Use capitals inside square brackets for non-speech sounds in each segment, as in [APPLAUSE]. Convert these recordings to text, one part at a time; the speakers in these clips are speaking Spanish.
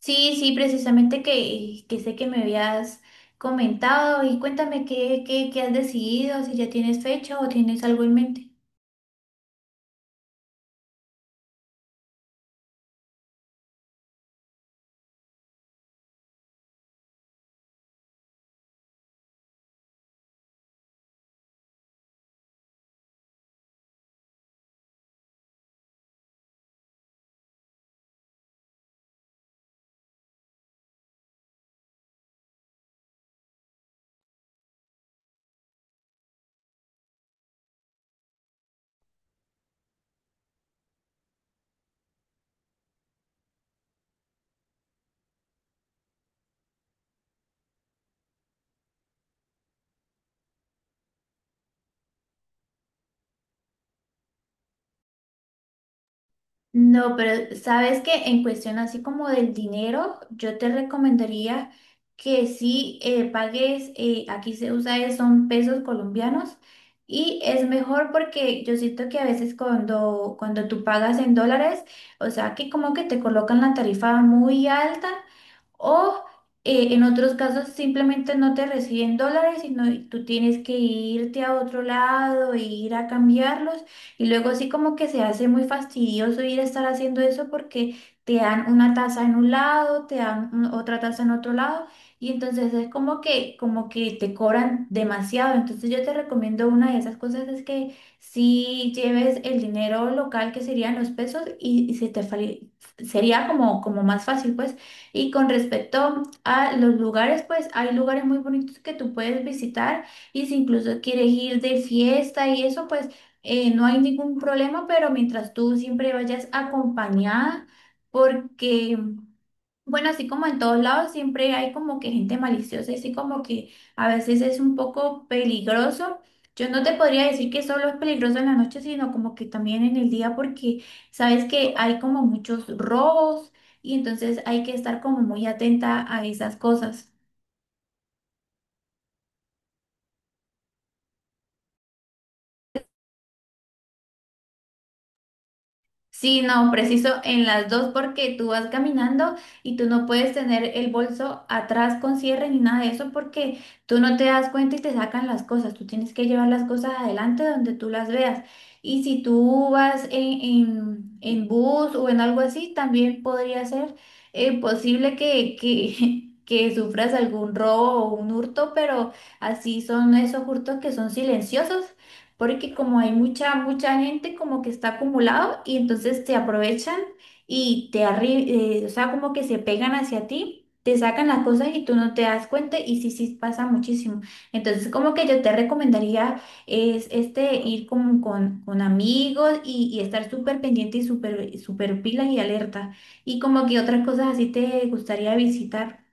Sí, sí, precisamente que sé que me habías comentado y cuéntame qué has decidido, si ya tienes fecha o tienes algo en mente. No, pero sabes que en cuestión así como del dinero, yo te recomendaría que sí pagues, aquí se usa son pesos colombianos y es mejor porque yo siento que a veces cuando tú pagas en dólares, o sea que como que te colocan la tarifa muy alta o en otros casos simplemente no te reciben dólares, sino tú tienes que irte a otro lado e ir a cambiarlos. Y luego sí como que se hace muy fastidioso ir a estar haciendo eso porque te dan una taza en un lado, te dan otra taza en otro lado y entonces es como que te cobran demasiado. Entonces yo te recomiendo una de esas cosas es que si lleves el dinero local que serían los pesos y se te sería como como más fácil pues. Y con respecto a los lugares, pues hay lugares muy bonitos que tú puedes visitar y si incluso quieres ir de fiesta y eso, pues no hay ningún problema, pero mientras tú siempre vayas acompañada, porque, bueno, así como en todos lados, siempre hay como que gente maliciosa, y así como que a veces es un poco peligroso. Yo no te podría decir que solo es peligroso en la noche, sino como que también en el día, porque sabes que hay como muchos robos y entonces hay que estar como muy atenta a esas cosas. Sí, no, preciso en las dos porque tú vas caminando y tú no puedes tener el bolso atrás con cierre ni nada de eso porque tú no te das cuenta y te sacan las cosas. Tú tienes que llevar las cosas adelante donde tú las veas. Y si tú vas en bus o en algo así, también podría ser posible [LAUGHS] que sufras algún robo o un hurto, pero así son esos hurtos que son silenciosos porque como hay mucha, mucha gente como que está acumulado y entonces te aprovechan y te arri o sea, como que se pegan hacia ti, te sacan las cosas y tú no te das cuenta y sí, sí pasa muchísimo. Entonces como que yo te recomendaría es este ir como con amigos y estar súper pendiente y súper, súper pilas y alerta. Y como que otras cosas así te gustaría visitar.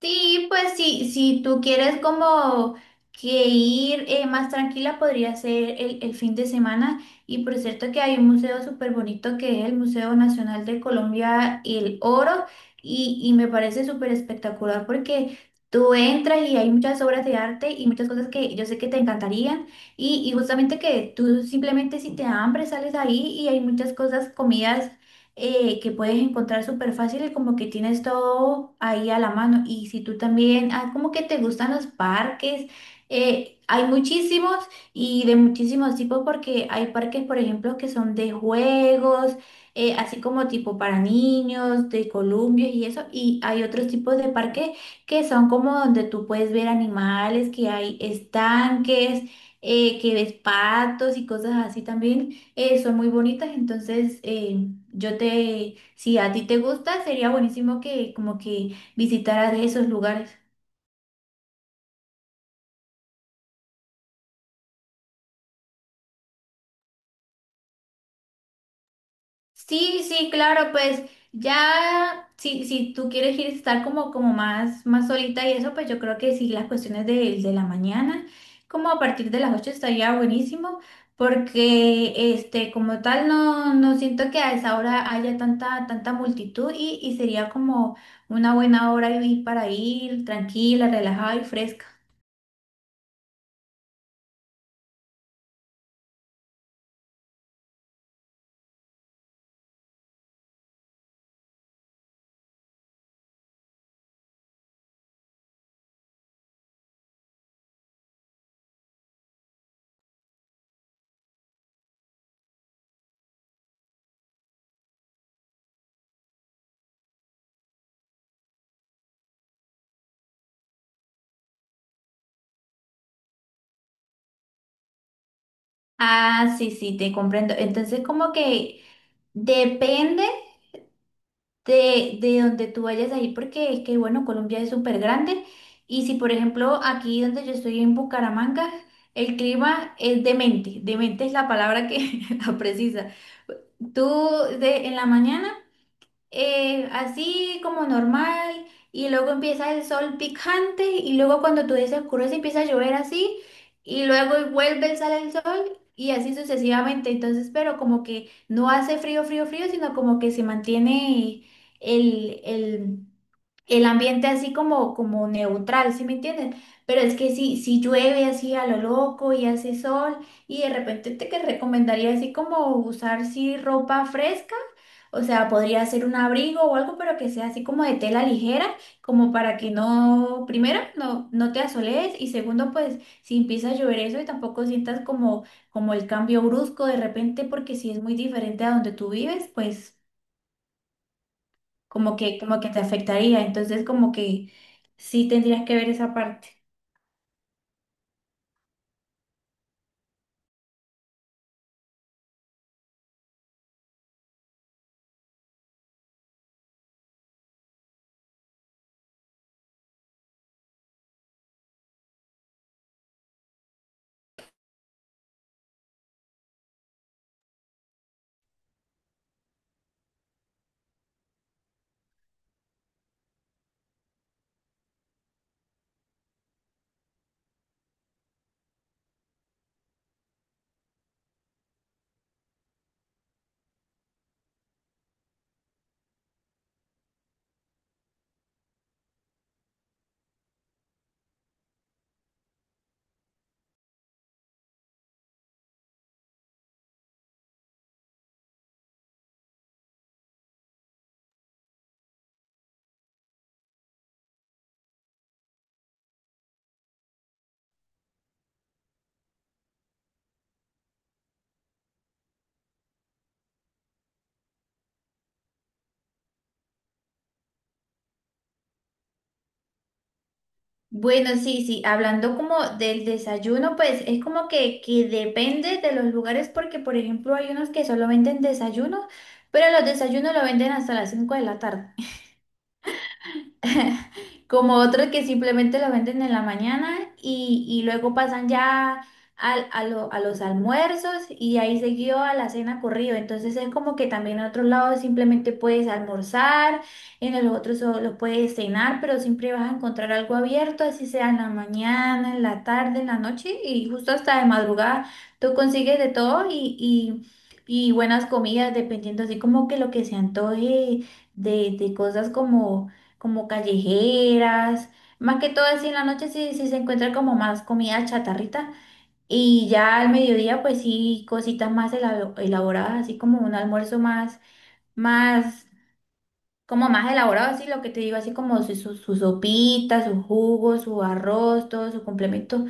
Sí, pues sí, si tú quieres como que ir más tranquila, podría ser el fin de semana. Y por cierto que hay un museo súper bonito que es el Museo Nacional de Colombia, El Oro, y me parece súper espectacular porque tú entras y hay muchas obras de arte y muchas cosas que yo sé que te encantarían. Y justamente que tú simplemente si te da hambre sales ahí y hay muchas cosas, comidas que puedes encontrar súper fácil y como que tienes todo ahí a la mano. Y si tú también, ah, como que te gustan los parques, hay muchísimos y de muchísimos tipos porque hay parques, por ejemplo, que son de juegos, así como tipo para niños, de columpios y eso. Y hay otros tipos de parques que son como donde tú puedes ver animales, que hay estanques. Que ves patos y cosas así también, son muy bonitas, entonces yo te, si a ti te gusta, sería buenísimo que como que visitaras esos lugares. Sí, sí, claro, pues ya, si, si tú quieres ir a estar como, como más, más solita y eso, pues yo creo que sí, las cuestiones de la mañana, como a partir de las 8 estaría buenísimo, porque este, como tal, no, no siento que a esa hora haya tanta, tanta multitud y sería como una buena hora para ir tranquila, relajada y fresca. Ah, sí, sí, te comprendo. Entonces, como que depende de donde tú vayas a ir, porque es que, bueno, Colombia es súper grande. Y si, por ejemplo, aquí donde yo estoy en Bucaramanga, el clima es demente. Demente es la palabra que [LAUGHS] la precisa. Tú de, en la mañana así como normal y luego empieza el sol picante y luego cuando tú oscurece empieza a llover así y luego vuelve, sale el sol y así sucesivamente. Entonces, pero como que no hace frío, frío, frío, sino como que se mantiene el, el, el ambiente así como, como neutral, ¿sí me entiendes? Pero es que si, si llueve así a lo loco y hace sol y de repente te que recomendaría así como usar sí ropa fresca, o sea, podría ser un abrigo o algo, pero que sea así como de tela ligera, como para que no, primero, no, no te asolees y segundo, pues si empieza a llover eso y tampoco sientas como, como el cambio brusco de repente, porque si es muy diferente a donde tú vives, pues como que te afectaría. Entonces, como que sí tendrías que ver esa parte. Bueno, sí, sí, hablando como del desayuno, pues es como que depende de los lugares porque, por ejemplo, hay unos que solo venden desayuno, pero los desayunos lo venden hasta las 5 de la tarde. Como otros que simplemente lo venden en la mañana y luego pasan ya a los almuerzos y ahí seguido a la cena corrido. Entonces es como que también en otros lados simplemente puedes almorzar, en los otros solo puedes cenar, pero siempre vas a encontrar algo abierto, así sea en la mañana, en la tarde, en la noche y justo hasta de madrugada tú consigues de todo y buenas comidas, dependiendo así como que lo que se antoje de cosas como como callejeras, más que todo así en la noche sí, sí se encuentra como más comida chatarrita y ya al mediodía pues sí cositas más elaboradas, así como un almuerzo más, más, como más elaborado, así lo que te digo, así como su sopita, su jugo, su arroz, todo su complemento.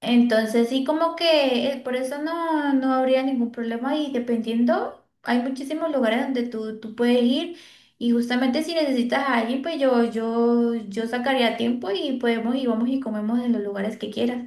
Entonces, sí, como que por eso no, no habría ningún problema y dependiendo, hay muchísimos lugares donde tú puedes ir y justamente si necesitas a alguien, pues yo sacaría tiempo y podemos y vamos y comemos en los lugares que quieras.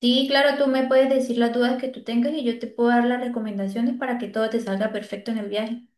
Sí, claro, tú me puedes decir las dudas que tú tengas y yo te puedo dar las recomendaciones para que todo te salga perfecto en el viaje.